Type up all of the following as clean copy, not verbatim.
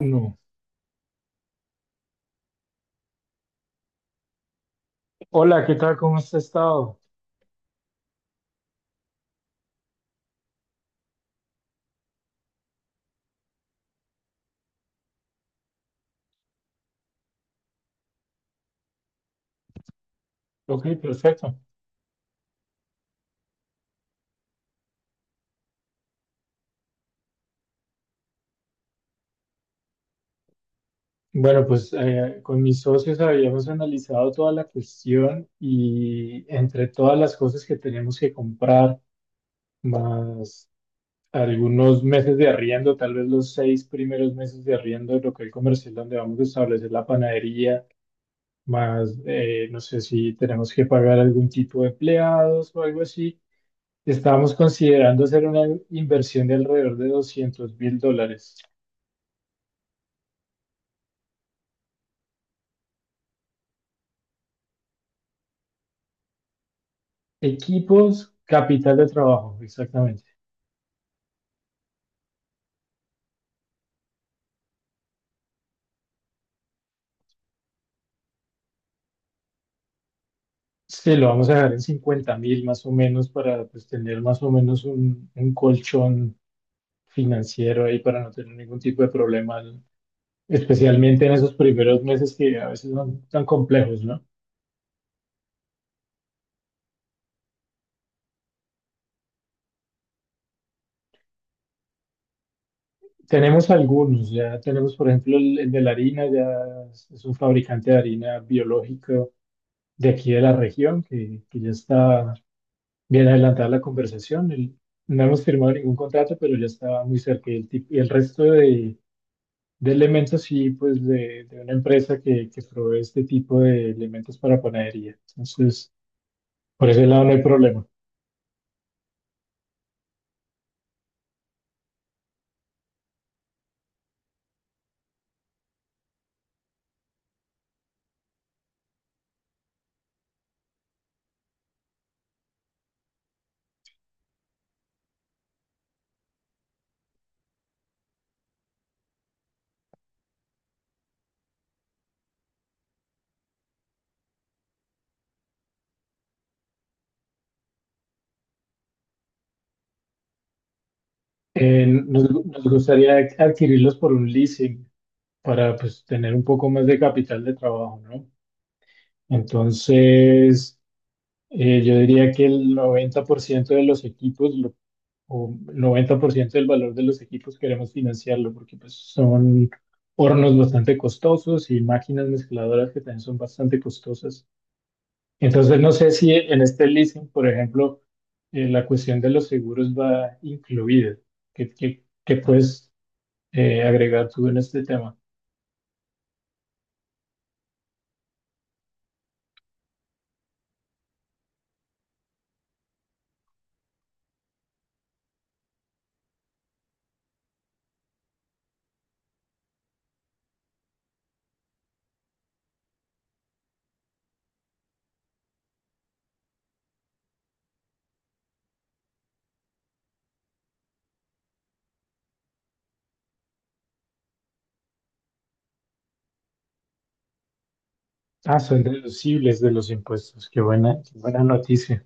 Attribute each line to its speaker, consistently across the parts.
Speaker 1: No. Hola, ¿qué tal? ¿Cómo has estado? Ok, perfecto. Bueno, pues con mis socios habíamos analizado toda la cuestión y entre todas las cosas que tenemos que comprar, más algunos meses de arriendo, tal vez los 6 primeros meses de arriendo del local comercial donde vamos a establecer la panadería, más no sé si tenemos que pagar algún tipo de empleados o algo así, estábamos considerando hacer una inversión de alrededor de $200.000. Equipos, capital de trabajo, exactamente. Sí, lo vamos a dejar en 50.000 más o menos para, pues, tener más o menos un colchón financiero ahí para no tener ningún tipo de problema, ¿no? Especialmente en esos primeros meses que a veces son tan complejos, ¿no? Tenemos algunos, ya tenemos por ejemplo el de la harina, ya es un fabricante de harina biológico de aquí de la región que ya está bien adelantada la conversación. No hemos firmado ningún contrato, pero ya estaba muy cerca. Y el resto de elementos, sí, pues de una empresa que provee este tipo de elementos para panadería. Entonces, por ese lado no hay problema. Nos gustaría adquirirlos por un leasing para, pues, tener un poco más de capital de trabajo, ¿no? Entonces, yo diría que el 90% de los equipos o 90% del valor de los equipos queremos financiarlo porque, pues, son hornos bastante costosos y máquinas mezcladoras que también son bastante costosas. Entonces, no sé si en este leasing, por ejemplo, la cuestión de los seguros va incluida. ¿Qué puedes agregar tú en este tema? Ah, son deducibles de los impuestos. Qué buena noticia.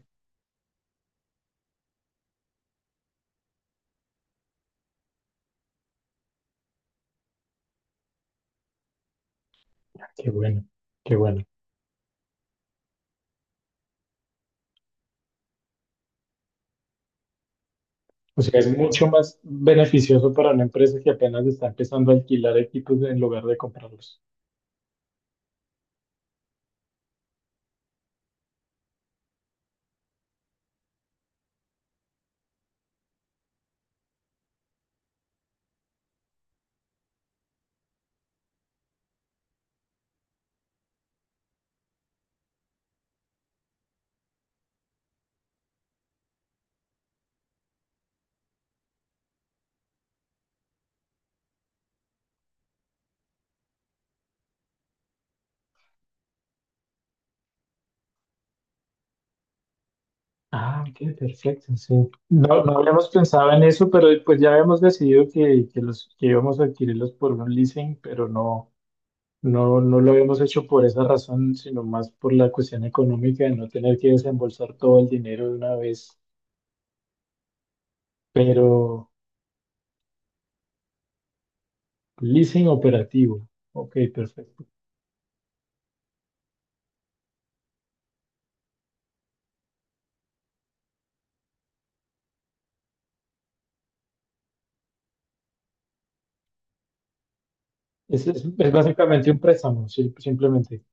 Speaker 1: Qué bueno, qué bueno. O sea, es mucho más beneficioso para una empresa que apenas está empezando a alquilar equipos en lugar de comprarlos. Ah, ok, perfecto, sí. No, no habíamos pensado en eso, pero pues ya habíamos decidido que los que íbamos a adquirirlos por un leasing, pero no, no, no lo habíamos hecho por esa razón, sino más por la cuestión económica de no tener que desembolsar todo el dinero de una vez. Pero leasing operativo. Ok, perfecto. Es básicamente un préstamo, sí, simplemente.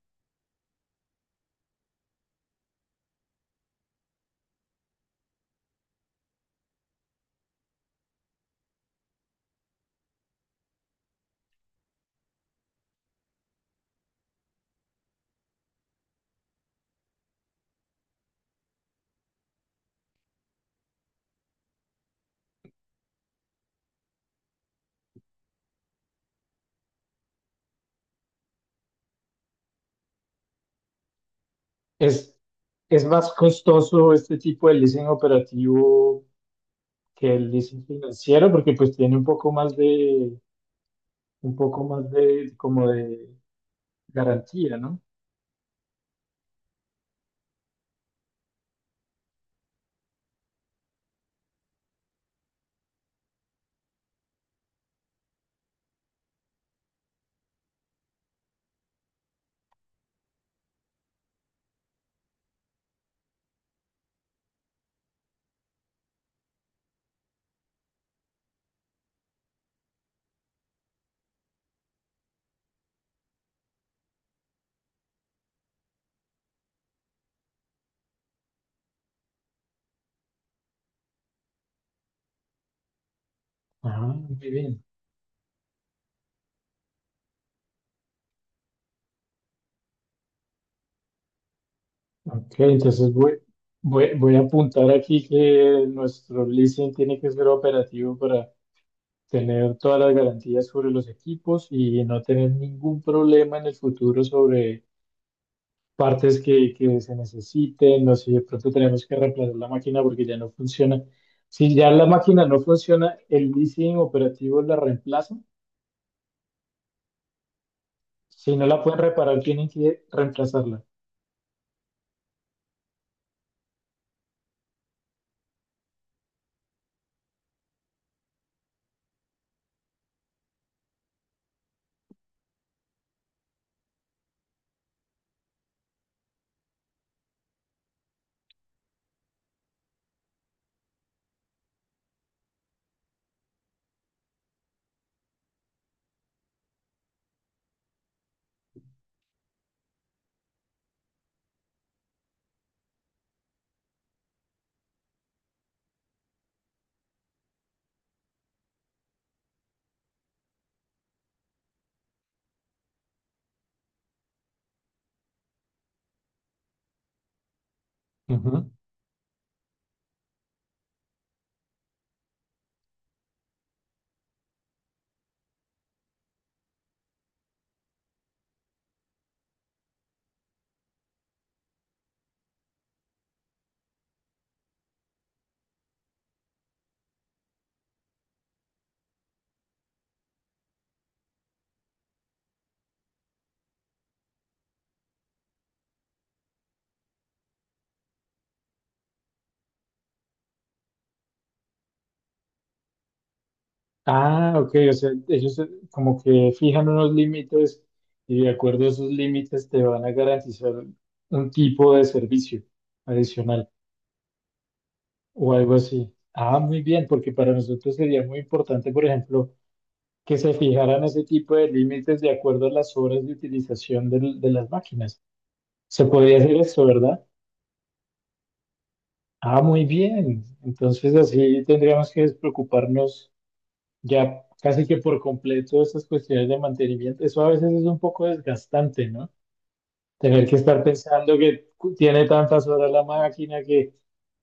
Speaker 1: Es, es más costoso este tipo de leasing operativo que el leasing financiero porque, pues, tiene un poco más de, un poco más de, como de garantía, ¿no? Ah, muy bien. Ok, entonces voy a apuntar aquí que nuestro leasing tiene que ser operativo para tener todas las garantías sobre los equipos y no tener ningún problema en el futuro partes que se necesiten, no sé, de pronto tenemos que reemplazar la máquina porque ya no funciona. Si ya la máquina no funciona, el leasing operativo la reemplaza. Si no la pueden reparar, tienen que reemplazarla. Ujú. Ah, ok, o sea, ellos como que fijan unos límites y de acuerdo a esos límites te van a garantizar un tipo de servicio adicional o algo así. Ah, muy bien, porque para nosotros sería muy importante, por ejemplo, que se fijaran ese tipo de límites de acuerdo a las horas de utilización de las máquinas. Se podría hacer eso, ¿verdad? Ah, muy bien. Entonces así tendríamos que despreocuparnos ya casi que por completo de estas cuestiones de mantenimiento. Eso a veces es un poco desgastante, ¿no? Tener que estar pensando que tiene tantas horas la máquina que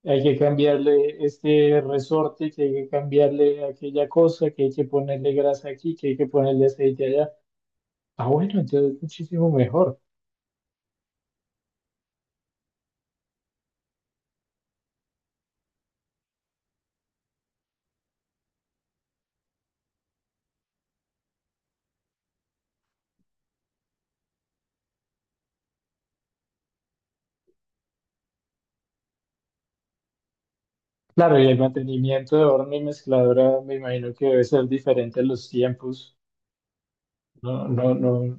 Speaker 1: hay que cambiarle este resorte, que hay que cambiarle aquella cosa, que hay que ponerle grasa aquí, que hay que ponerle aceite allá. Ah, bueno, entonces es muchísimo mejor. Claro, y el mantenimiento de horno y mezcladora me imagino que debe ser diferente a los tiempos. No, no, no.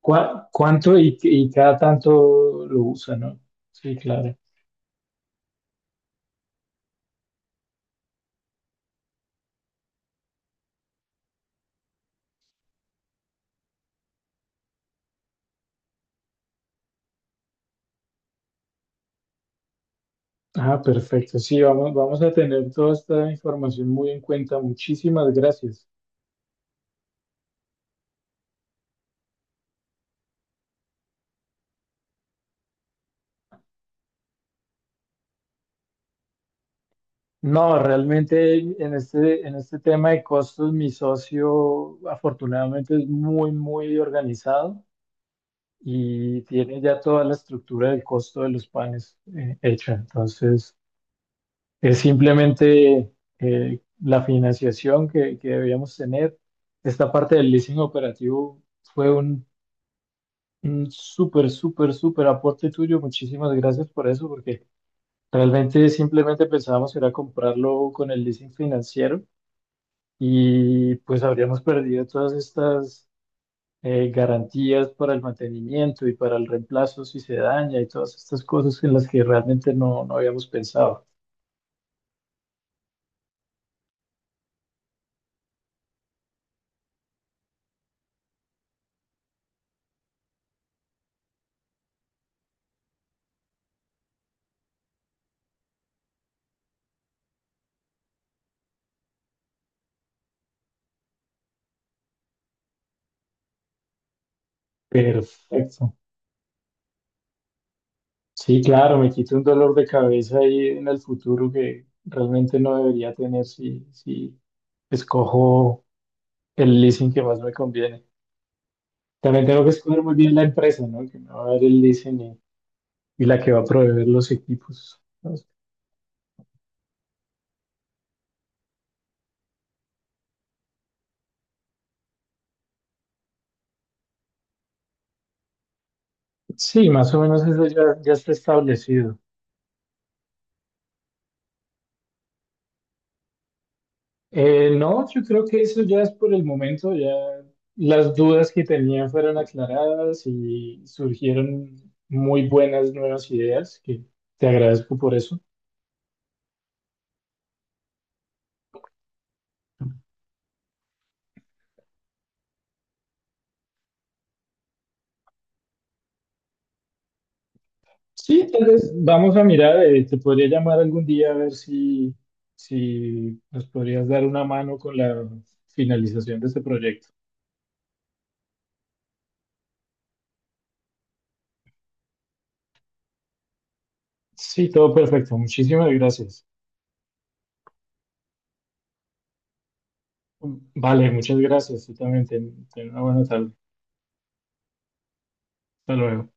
Speaker 1: ¿Cuánto y cada tanto lo usa, ¿no? Sí, claro. Ah, perfecto. Sí, vamos a tener toda esta información muy en cuenta. Muchísimas gracias. No, realmente en este tema de costos, mi socio afortunadamente es muy, muy organizado. Y tiene ya toda la estructura del costo de los panes hecha. Entonces, es simplemente la financiación que debíamos tener. Esta parte del leasing operativo fue un, un súper, súper, súper aporte tuyo. Muchísimas gracias por eso, porque realmente simplemente pensábamos que era comprarlo con el leasing financiero y pues habríamos perdido todas estas garantías para el mantenimiento y para el reemplazo si se daña y todas estas cosas en las que realmente no, no habíamos pensado. Perfecto. Sí, claro, me quito un dolor de cabeza ahí en el futuro que realmente no debería tener si, si escojo el leasing que más me conviene. También tengo que escoger muy bien la empresa, ¿no? Que me va a dar el leasing y la que va a proveer los equipos. Entonces, sí, más o menos eso ya, ya está establecido. No, yo creo que eso ya es por el momento, ya las dudas que tenía fueron aclaradas y surgieron muy buenas nuevas ideas, que te agradezco por eso. Sí, tal vez vamos a mirar, te podría llamar algún día a ver si, si nos podrías dar una mano con la finalización de este proyecto. Sí, todo perfecto, muchísimas gracias. Vale, muchas gracias, tú también, ten una buena tarde. Hasta luego.